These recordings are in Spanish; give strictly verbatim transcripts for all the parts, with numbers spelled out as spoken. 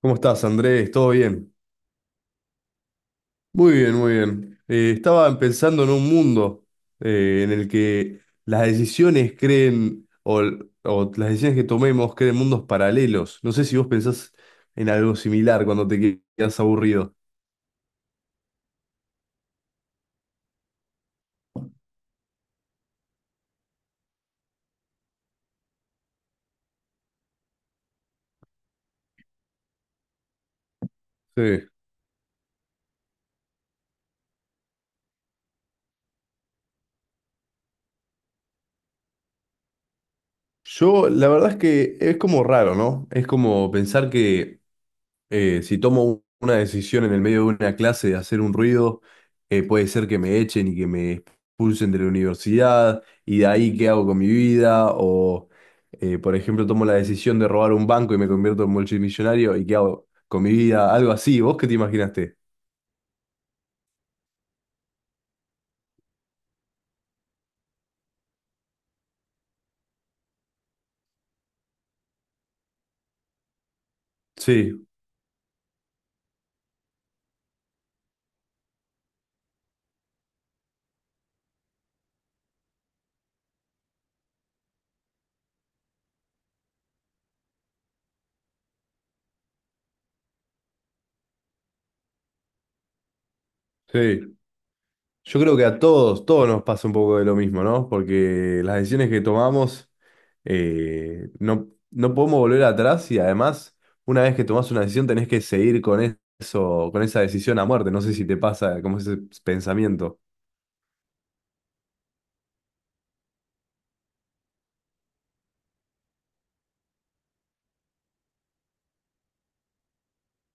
¿Cómo estás, Andrés? ¿Todo bien? Muy bien, muy bien. Eh, estaba pensando en un mundo eh, en el que las decisiones creen, o, o las decisiones que tomemos creen mundos paralelos. No sé si vos pensás en algo similar cuando te quedas aburrido. Sí. Yo, la verdad es que es como raro, ¿no? Es como pensar que Eh, si tomo una decisión en el medio de una clase de hacer un ruido, eh, puede ser que me echen y que me expulsen de la universidad, y de ahí qué hago con mi vida, o eh, por ejemplo tomo la decisión de robar un banco y me convierto en multimillonario, y qué hago con mi vida, algo así, ¿vos qué te imaginaste? Sí, sí. Yo creo que a todos, todos nos pasa un poco de lo mismo, ¿no? Porque las decisiones que tomamos eh, no, no podemos volver atrás y además, una vez que tomás una decisión, tenés que seguir con eso, con esa decisión a muerte. No sé si te pasa como ese pensamiento.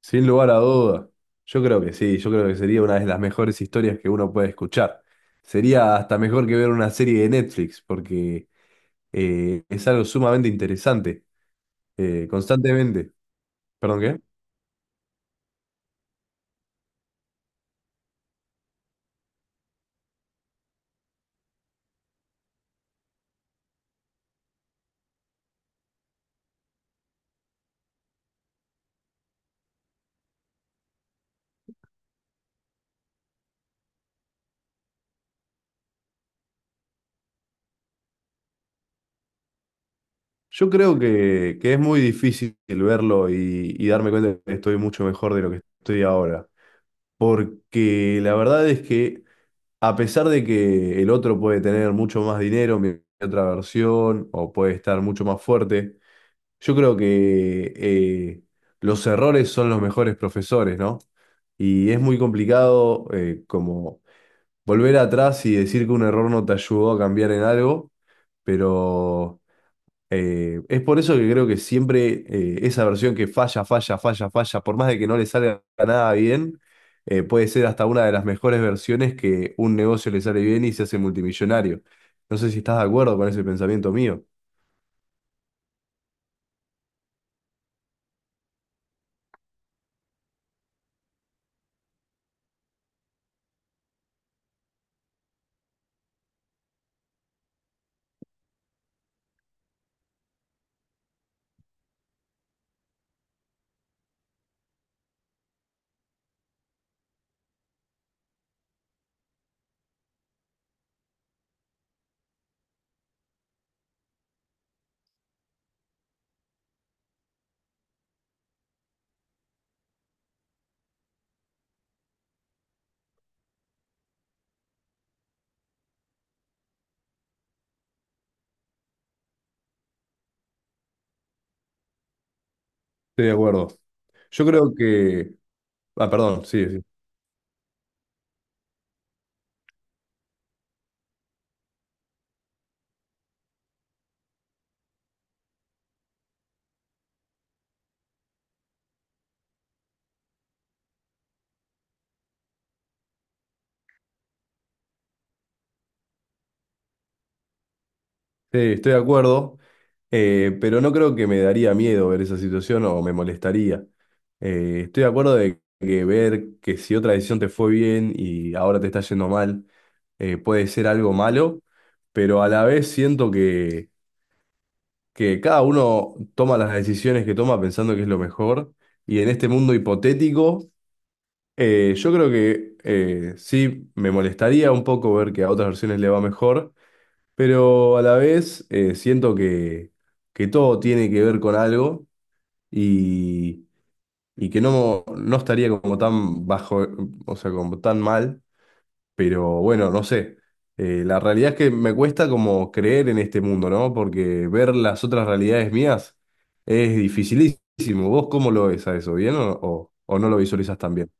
Sin lugar a duda, yo creo que sí, yo creo que sería una de las mejores historias que uno puede escuchar. Sería hasta mejor que ver una serie de Netflix, porque eh, es algo sumamente interesante, eh, constantemente. ¿Perdón qué? Yo creo que, que es muy difícil verlo y, y darme cuenta que estoy mucho mejor de lo que estoy ahora. Porque la verdad es que a pesar de que el otro puede tener mucho más dinero, mi otra versión, o puede estar mucho más fuerte, yo creo que eh, los errores son los mejores profesores, ¿no? Y es muy complicado eh, como volver atrás y decir que un error no te ayudó a cambiar en algo, pero... Eh, es por eso que creo que siempre eh, esa versión que falla, falla, falla, falla, por más de que no le salga nada bien, eh, puede ser hasta una de las mejores versiones que un negocio le sale bien y se hace multimillonario. No sé si estás de acuerdo con ese pensamiento mío. Estoy de acuerdo. Yo creo que... Ah, perdón, sí. Sí, estoy de acuerdo, eh, pero no creo que me daría miedo ver esa situación o me molestaría. Eh, estoy de acuerdo de que ver que si otra decisión te fue bien y ahora te está yendo mal, eh, puede ser algo malo, pero a la vez siento que, que cada uno toma las decisiones que toma pensando que es lo mejor y en este mundo hipotético, eh, yo creo que eh, sí me molestaría un poco ver que a otras versiones le va mejor. Pero a la vez eh, siento que, que todo tiene que ver con algo y, y que no, no estaría como tan bajo, o sea, como tan mal, pero bueno, no sé. Eh, la realidad es que me cuesta como creer en este mundo, ¿no? Porque ver las otras realidades mías es dificilísimo. ¿Vos cómo lo ves a eso? ¿Bien o, o- o no lo visualizas tan bien?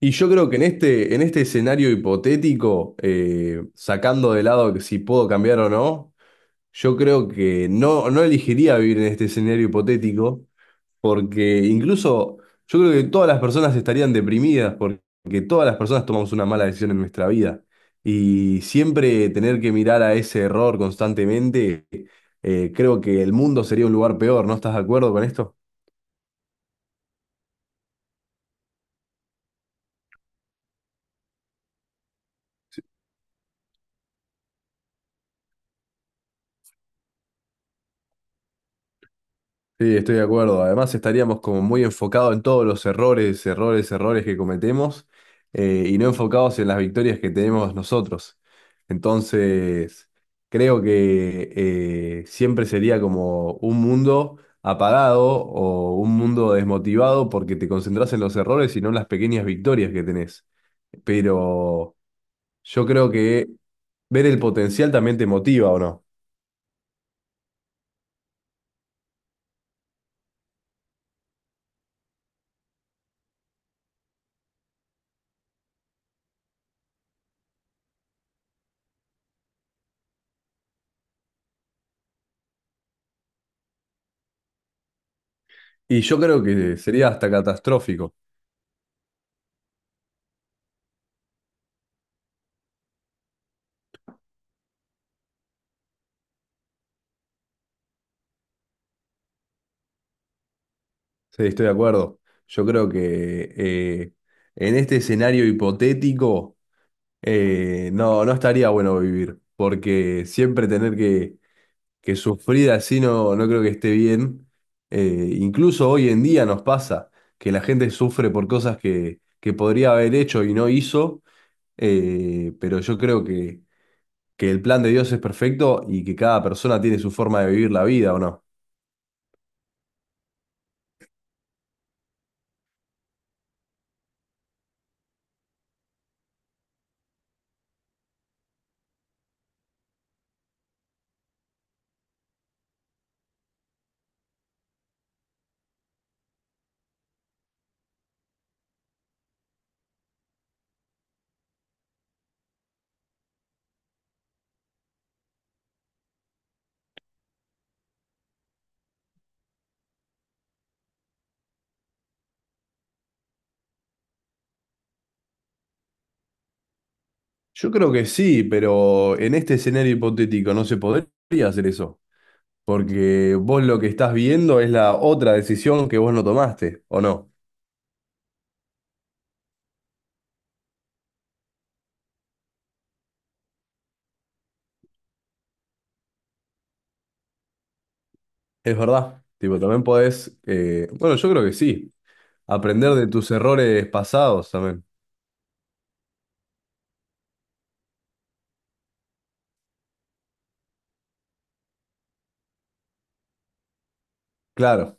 Y yo creo que en este, en este escenario hipotético, eh, sacando de lado que si puedo cambiar o no. Yo creo que no, no elegiría vivir en este escenario hipotético, porque incluso yo creo que todas las personas estarían deprimidas, porque todas las personas tomamos una mala decisión en nuestra vida. Y siempre tener que mirar a ese error constantemente, eh, creo que el mundo sería un lugar peor. ¿No estás de acuerdo con esto? Sí, estoy de acuerdo. Además, estaríamos como muy enfocados en todos los errores, errores, errores que cometemos eh, y no enfocados en las victorias que tenemos nosotros. Entonces, creo que eh, siempre sería como un mundo apagado o un mundo desmotivado porque te concentras en los errores y no en las pequeñas victorias que tenés. Pero yo creo que ver el potencial también te motiva, ¿o no? Y yo creo que sería hasta catastrófico. Sí, estoy de acuerdo. Yo creo que eh, en este escenario hipotético eh, no, no estaría bueno vivir, porque siempre tener que, que sufrir así no, no creo que esté bien. Eh, incluso hoy en día nos pasa que la gente sufre por cosas que, que podría haber hecho y no hizo, eh, pero yo creo que, que el plan de Dios es perfecto y que cada persona tiene su forma de vivir la vida, ¿o no? Yo creo que sí, pero en este escenario hipotético no se podría hacer eso, porque vos lo que estás viendo es la otra decisión que vos no tomaste, ¿o no? Es verdad. Tipo, también podés, eh, bueno, yo creo que sí, aprender de tus errores pasados también. Claro.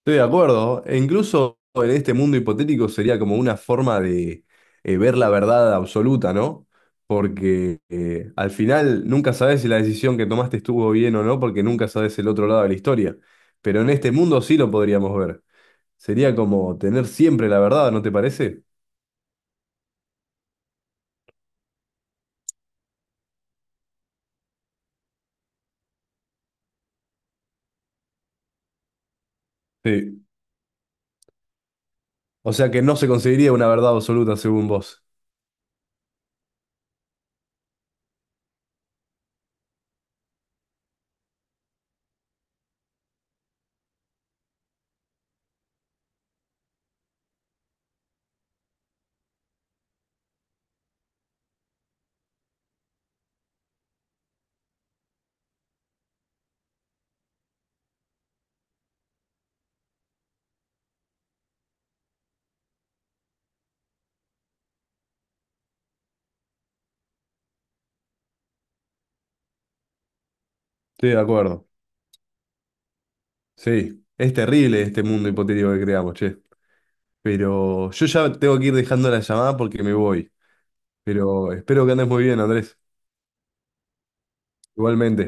Estoy de acuerdo. E incluso en este mundo hipotético sería como una forma de eh, ver la verdad absoluta, ¿no? Porque eh, al final nunca sabes si la decisión que tomaste estuvo bien o no, porque nunca sabes el otro lado de la historia. Pero en este mundo sí lo podríamos ver. Sería como tener siempre la verdad, ¿no te parece? Sí. O sea que no se conseguiría una verdad absoluta según vos. Estoy de acuerdo. Sí. Es terrible este mundo hipotético que creamos, che. Pero yo ya tengo que ir dejando la llamada porque me voy. Pero espero que andes muy bien, Andrés. Igualmente.